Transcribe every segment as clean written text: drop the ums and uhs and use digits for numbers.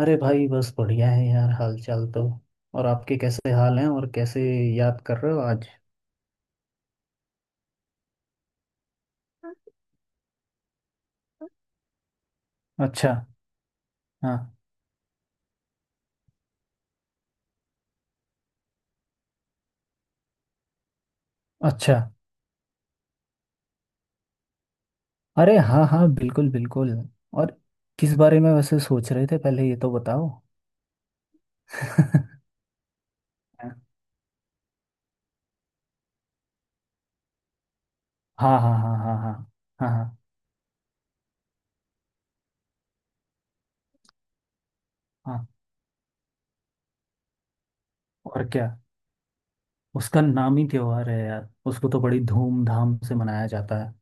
अरे भाई, बस बढ़िया है यार, हाल चाल तो। और आपके कैसे हाल हैं? और कैसे याद कर रहे हो आज? अच्छा। हाँ। अच्छा। अरे हाँ हाँ, बिल्कुल बिल्कुल। और किस बारे में वैसे सोच रहे थे, पहले ये तो बताओ। हाँ हाँ हाँ हाँ। हाँ हाँ हाँ हाँ। और क्या। उसका नाम ही त्योहार है यार, उसको तो बड़ी धूमधाम से मनाया जाता है।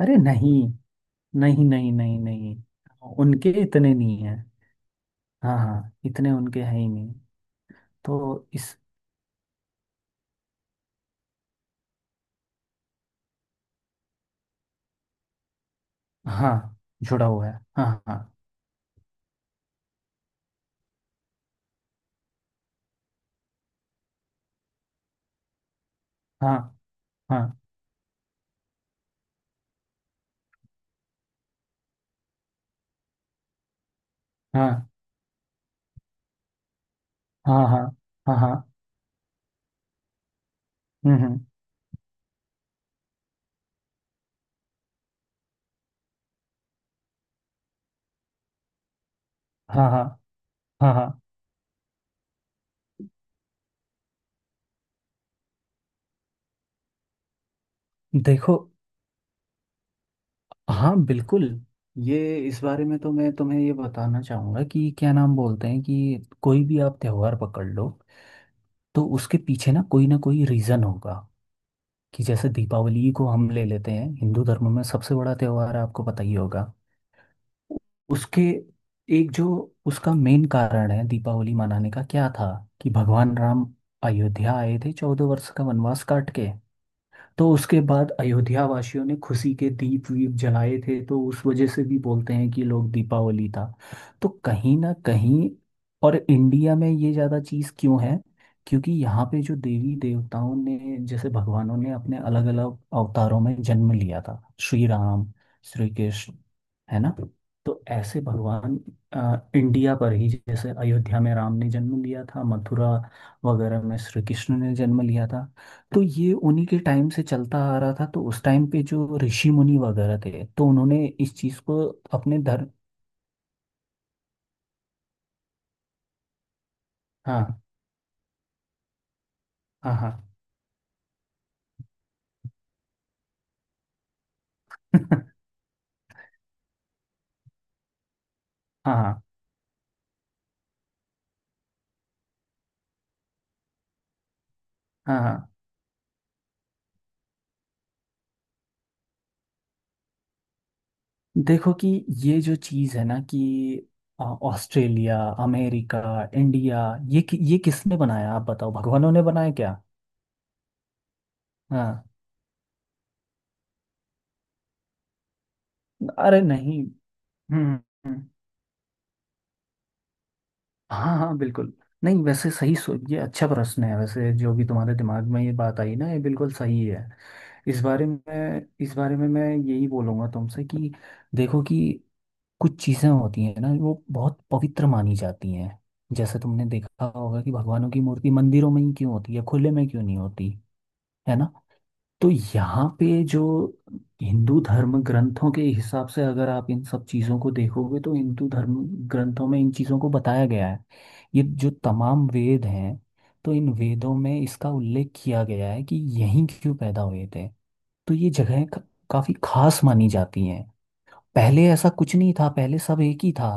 अरे नहीं। नहीं नहीं नहीं नहीं। उनके इतने नहीं है। हाँ हाँ, इतने उनके हैं ही नहीं। तो इस। हाँ, जुड़ा हुआ है हाँ हाँ हाँ। हाँ। हाँ हाँ हाँ हाँ हाँ। हम्म। हाँ हाँ हाँ हाँ। देखो। हाँ, बिल्कुल। ये इस बारे में तो मैं तुम्हें ये बताना चाहूँगा कि क्या नाम बोलते हैं, कि कोई भी आप त्योहार पकड़ लो, तो उसके पीछे ना कोई रीज़न होगा। कि जैसे दीपावली को हम ले लेते हैं, हिंदू धर्म में सबसे बड़ा त्योहार है, आपको पता ही होगा। उसके एक जो उसका मेन कारण है दीपावली मनाने का, क्या था कि भगवान राम अयोध्या आए थे चौदह वर्ष का वनवास काट के। तो उसके बाद अयोध्या वासियों ने खुशी के दीप वीप जलाए थे, तो उस वजह से भी बोलते हैं कि लोग दीपावली था। तो कहीं ना कहीं। और इंडिया में ये ज़्यादा चीज़ क्यों है? क्योंकि यहाँ पे जो देवी देवताओं ने, जैसे भगवानों ने अपने अलग अलग अवतारों में जन्म लिया था। श्री राम, श्री कृष्ण, है ना। तो ऐसे भगवान इंडिया पर ही, जैसे अयोध्या में राम ने जन्म लिया था, मथुरा वगैरह में श्री कृष्ण ने जन्म लिया था। तो ये उन्हीं के टाइम से चलता आ रहा था, तो उस टाइम पे जो ऋषि मुनि वगैरह थे, तो उन्होंने इस चीज को अपने धर्म। हाँ हाँ हाँ। हाँ हाँ हाँ। देखो कि ये जो चीज है ना कि ऑस्ट्रेलिया, अमेरिका, इंडिया, ये किसने बनाया? आप बताओ, भगवानों ने बनाया क्या? हाँ। अरे नहीं। हम्म। हम्म। हाँ हाँ, बिल्कुल। नहीं वैसे सही, सो ये अच्छा प्रश्न है वैसे, जो भी तुम्हारे दिमाग में ये बात आई ना, ये बिल्कुल सही है। इस बारे में, इस बारे में मैं यही बोलूँगा तुमसे कि देखो कि कुछ चीज़ें होती हैं ना, वो बहुत पवित्र मानी जाती हैं। जैसे तुमने देखा होगा कि भगवानों की मूर्ति मंदिरों में ही क्यों होती है, खुले में क्यों नहीं होती, है ना। तो यहाँ पे जो हिंदू धर्म ग्रंथों के हिसाब से अगर आप इन सब चीज़ों को देखोगे, तो हिंदू धर्म ग्रंथों में इन चीज़ों को बताया गया है। ये जो तमाम वेद हैं, तो इन वेदों में इसका उल्लेख किया गया है कि यहीं क्यों पैदा हुए थे। तो ये जगहें काफ़ी खास मानी जाती हैं। पहले ऐसा कुछ नहीं था, पहले सब एक ही था।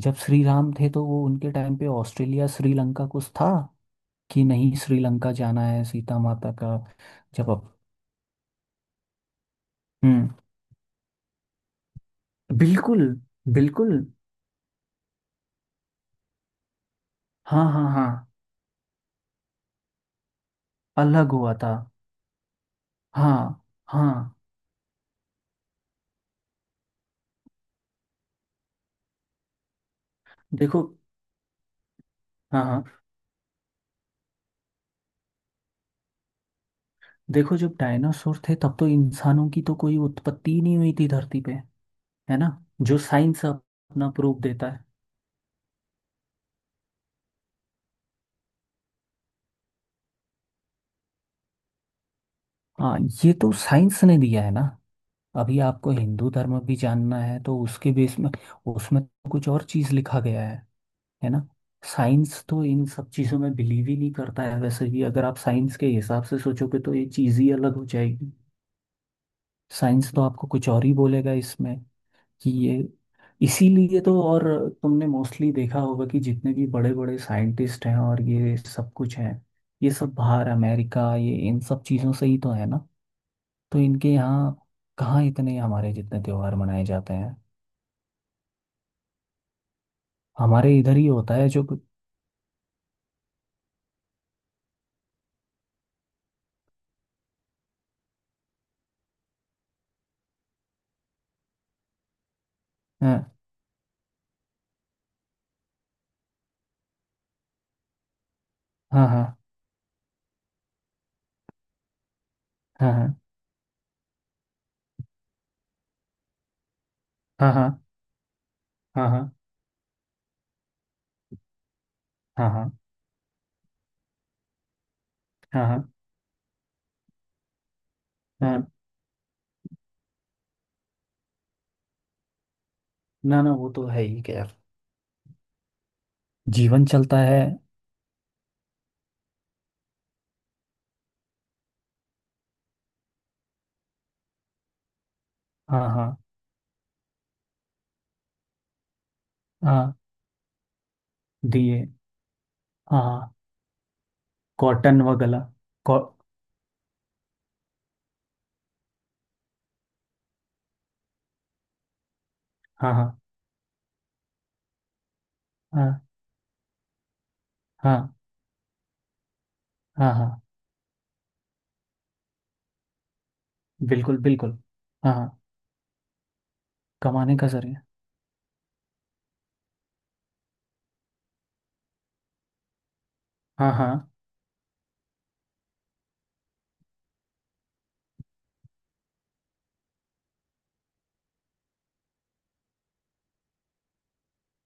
जब श्री राम थे तो वो उनके टाइम पे ऑस्ट्रेलिया, श्रीलंका कुछ था कि नहीं, श्रीलंका जाना है सीता माता का। जब। अब। बिल्कुल बिल्कुल। हाँ हाँ हाँ, अलग हुआ था। हाँ हाँ। देखो। हाँ हाँ। देखो, जब डायनासोर थे तब तो इंसानों की तो कोई उत्पत्ति ही नहीं हुई थी धरती पे, है ना। जो साइंस अपना प्रूफ देता है। हाँ, ये तो साइंस ने दिया है ना। अभी आपको हिंदू धर्म भी जानना है तो उसके बेस में, उसमें तो कुछ और चीज़ लिखा गया है ना। साइंस तो इन सब चीज़ों में बिलीव ही नहीं करता है, वैसे भी अगर आप साइंस के हिसाब से सोचोगे तो ये चीज़ ही अलग हो जाएगी। साइंस तो आपको कुछ और ही बोलेगा इसमें कि ये। इसीलिए तो। और तुमने मोस्टली देखा होगा कि जितने भी बड़े बड़े साइंटिस्ट हैं और ये सब कुछ हैं, ये सब बाहर अमेरिका, ये इन सब चीज़ों से ही तो है ना। तो इनके यहाँ कहाँ इतने हमारे जितने त्योहार मनाए जाते हैं। हमारे इधर ही होता है जो कुछ। हाँ हाँ। हाँ हाँ। हाँ हाँ। हाँ हाँ। हाँ हाँ। हाँ हाँ। हाँ। ना ना, वो तो है ही खैर। जीवन चलता है। हाँ हाँ हाँ। दिए। हाँ हाँ। कॉटन व गला। कॉ। हाँ हाँ। हाँ हाँ। हाँ हाँ, बिल्कुल बिल्कुल। हाँ हाँ। कमाने का जरिया। हाँ हाँ।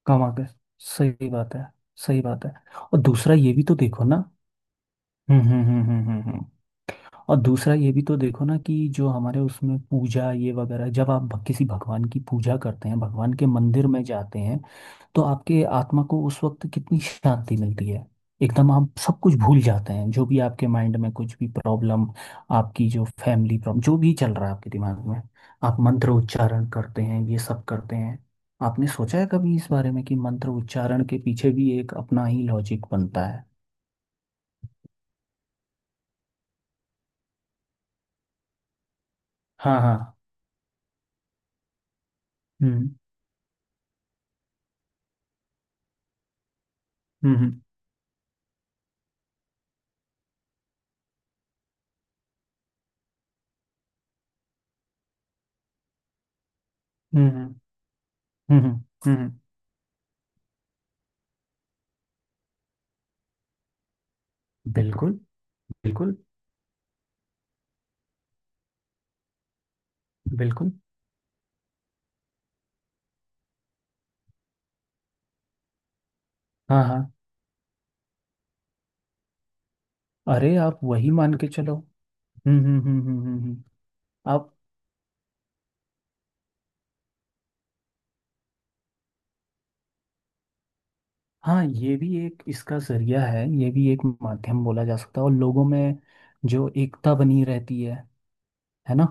कमा के, सही बात है, सही बात है। और दूसरा ये भी तो देखो ना। हम्म हम्म हम्म हम्म हम्म हम्म। और दूसरा ये भी तो देखो ना कि जो हमारे उसमें पूजा ये वगैरह, जब आप किसी भगवान की पूजा करते हैं, भगवान के मंदिर में जाते हैं, तो आपके आत्मा को उस वक्त कितनी शांति मिलती है। एकदम आप सब कुछ भूल जाते हैं, जो भी आपके माइंड में कुछ भी प्रॉब्लम, आपकी जो फैमिली प्रॉब्लम जो भी चल रहा है आपके दिमाग में। आप मंत्र उच्चारण करते हैं, ये सब करते हैं। आपने सोचा है कभी इस बारे में कि मंत्र उच्चारण के पीछे भी एक अपना ही लॉजिक बनता है? हाँ हाँ। हम्म हम्म हम्म हम्म हम्म। बिल्कुल बिल्कुल बिल्कुल। हाँ हाँ। अरे आप वही मान के चलो। हम्म हम्म हम्म हम्म हम्म हम्म। आप। हाँ, ये भी एक इसका जरिया है, ये भी एक माध्यम बोला जा सकता है। और लोगों में जो एकता बनी रहती है ना।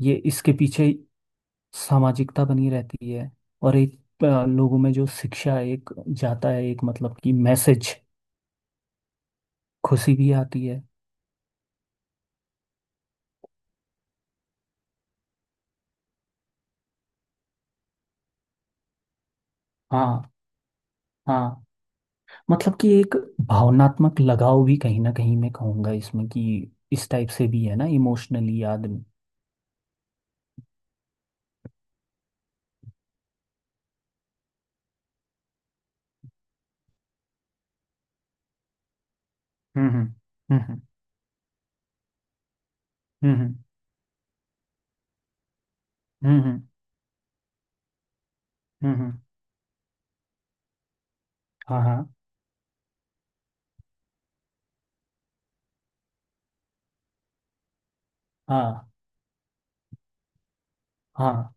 ये इसके पीछे। सामाजिकता बनी रहती है। और एक लोगों में जो शिक्षा एक जाता है, एक मतलब कि मैसेज। खुशी भी आती है। हाँ हाँ। मतलब कि एक भावनात्मक लगाव भी कहीं ना कहीं, मैं कहूँगा इसमें कि इस टाइप से भी है ना इमोशनली आदमी। हम्म हम्म हम्म हम्म हम्म हम्म। हाँ हाँ हाँ हाँ।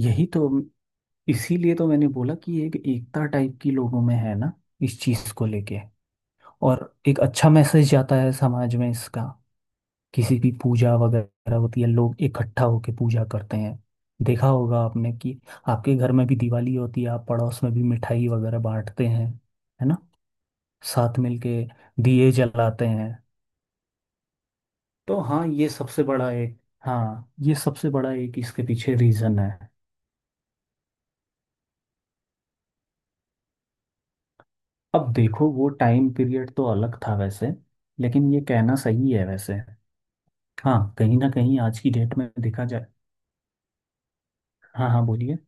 यही तो। इसीलिए तो मैंने बोला कि एक एकता टाइप की लोगों में है ना, इस चीज़ को लेके। और एक अच्छा मैसेज जाता है समाज में इसका। किसी की पूजा वगैरह होती है, लोग इकट्ठा होके पूजा करते हैं। देखा होगा आपने कि आपके घर में भी दिवाली होती है, आप पड़ोस में भी मिठाई वगैरह बांटते हैं, है ना। साथ मिलके दिए जलाते हैं। तो हाँ, ये सबसे बड़ा एक, हाँ ये सबसे बड़ा एक इसके पीछे रीजन है। अब देखो वो टाइम पीरियड तो अलग था वैसे, लेकिन ये कहना सही है वैसे। हाँ, कहीं ना कहीं आज की डेट में देखा जाए। हाँ हाँ, बोलिए।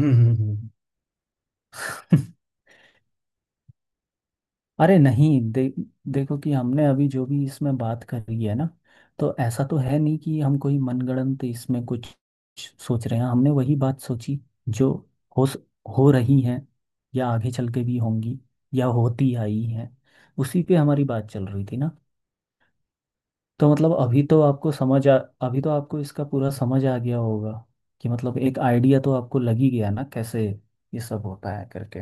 हम्म हम्म हम्म। अरे नहीं देखो कि हमने अभी जो भी इसमें बात करी है ना, तो ऐसा तो है नहीं कि हम कोई मनगढ़ंत इसमें कुछ सोच रहे हैं। हमने वही बात सोची जो हो स- हो रही है, या आगे चल के भी होंगी, या होती आई है। उसी पे हमारी बात चल रही थी ना। तो मतलब अभी तो आपको इसका पूरा समझ आ गया होगा कि मतलब एक आइडिया तो आपको लग ही गया ना, कैसे ये सब होता है करके।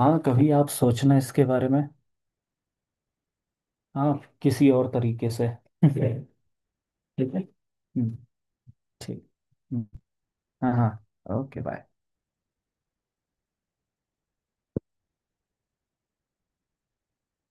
हाँ, कभी आप सोचना इसके बारे में। हाँ, किसी और तरीके से। ठीक है, ठीक है। हम्म। ठीक। हम्म। हाँ हाँ, ओके, बाय।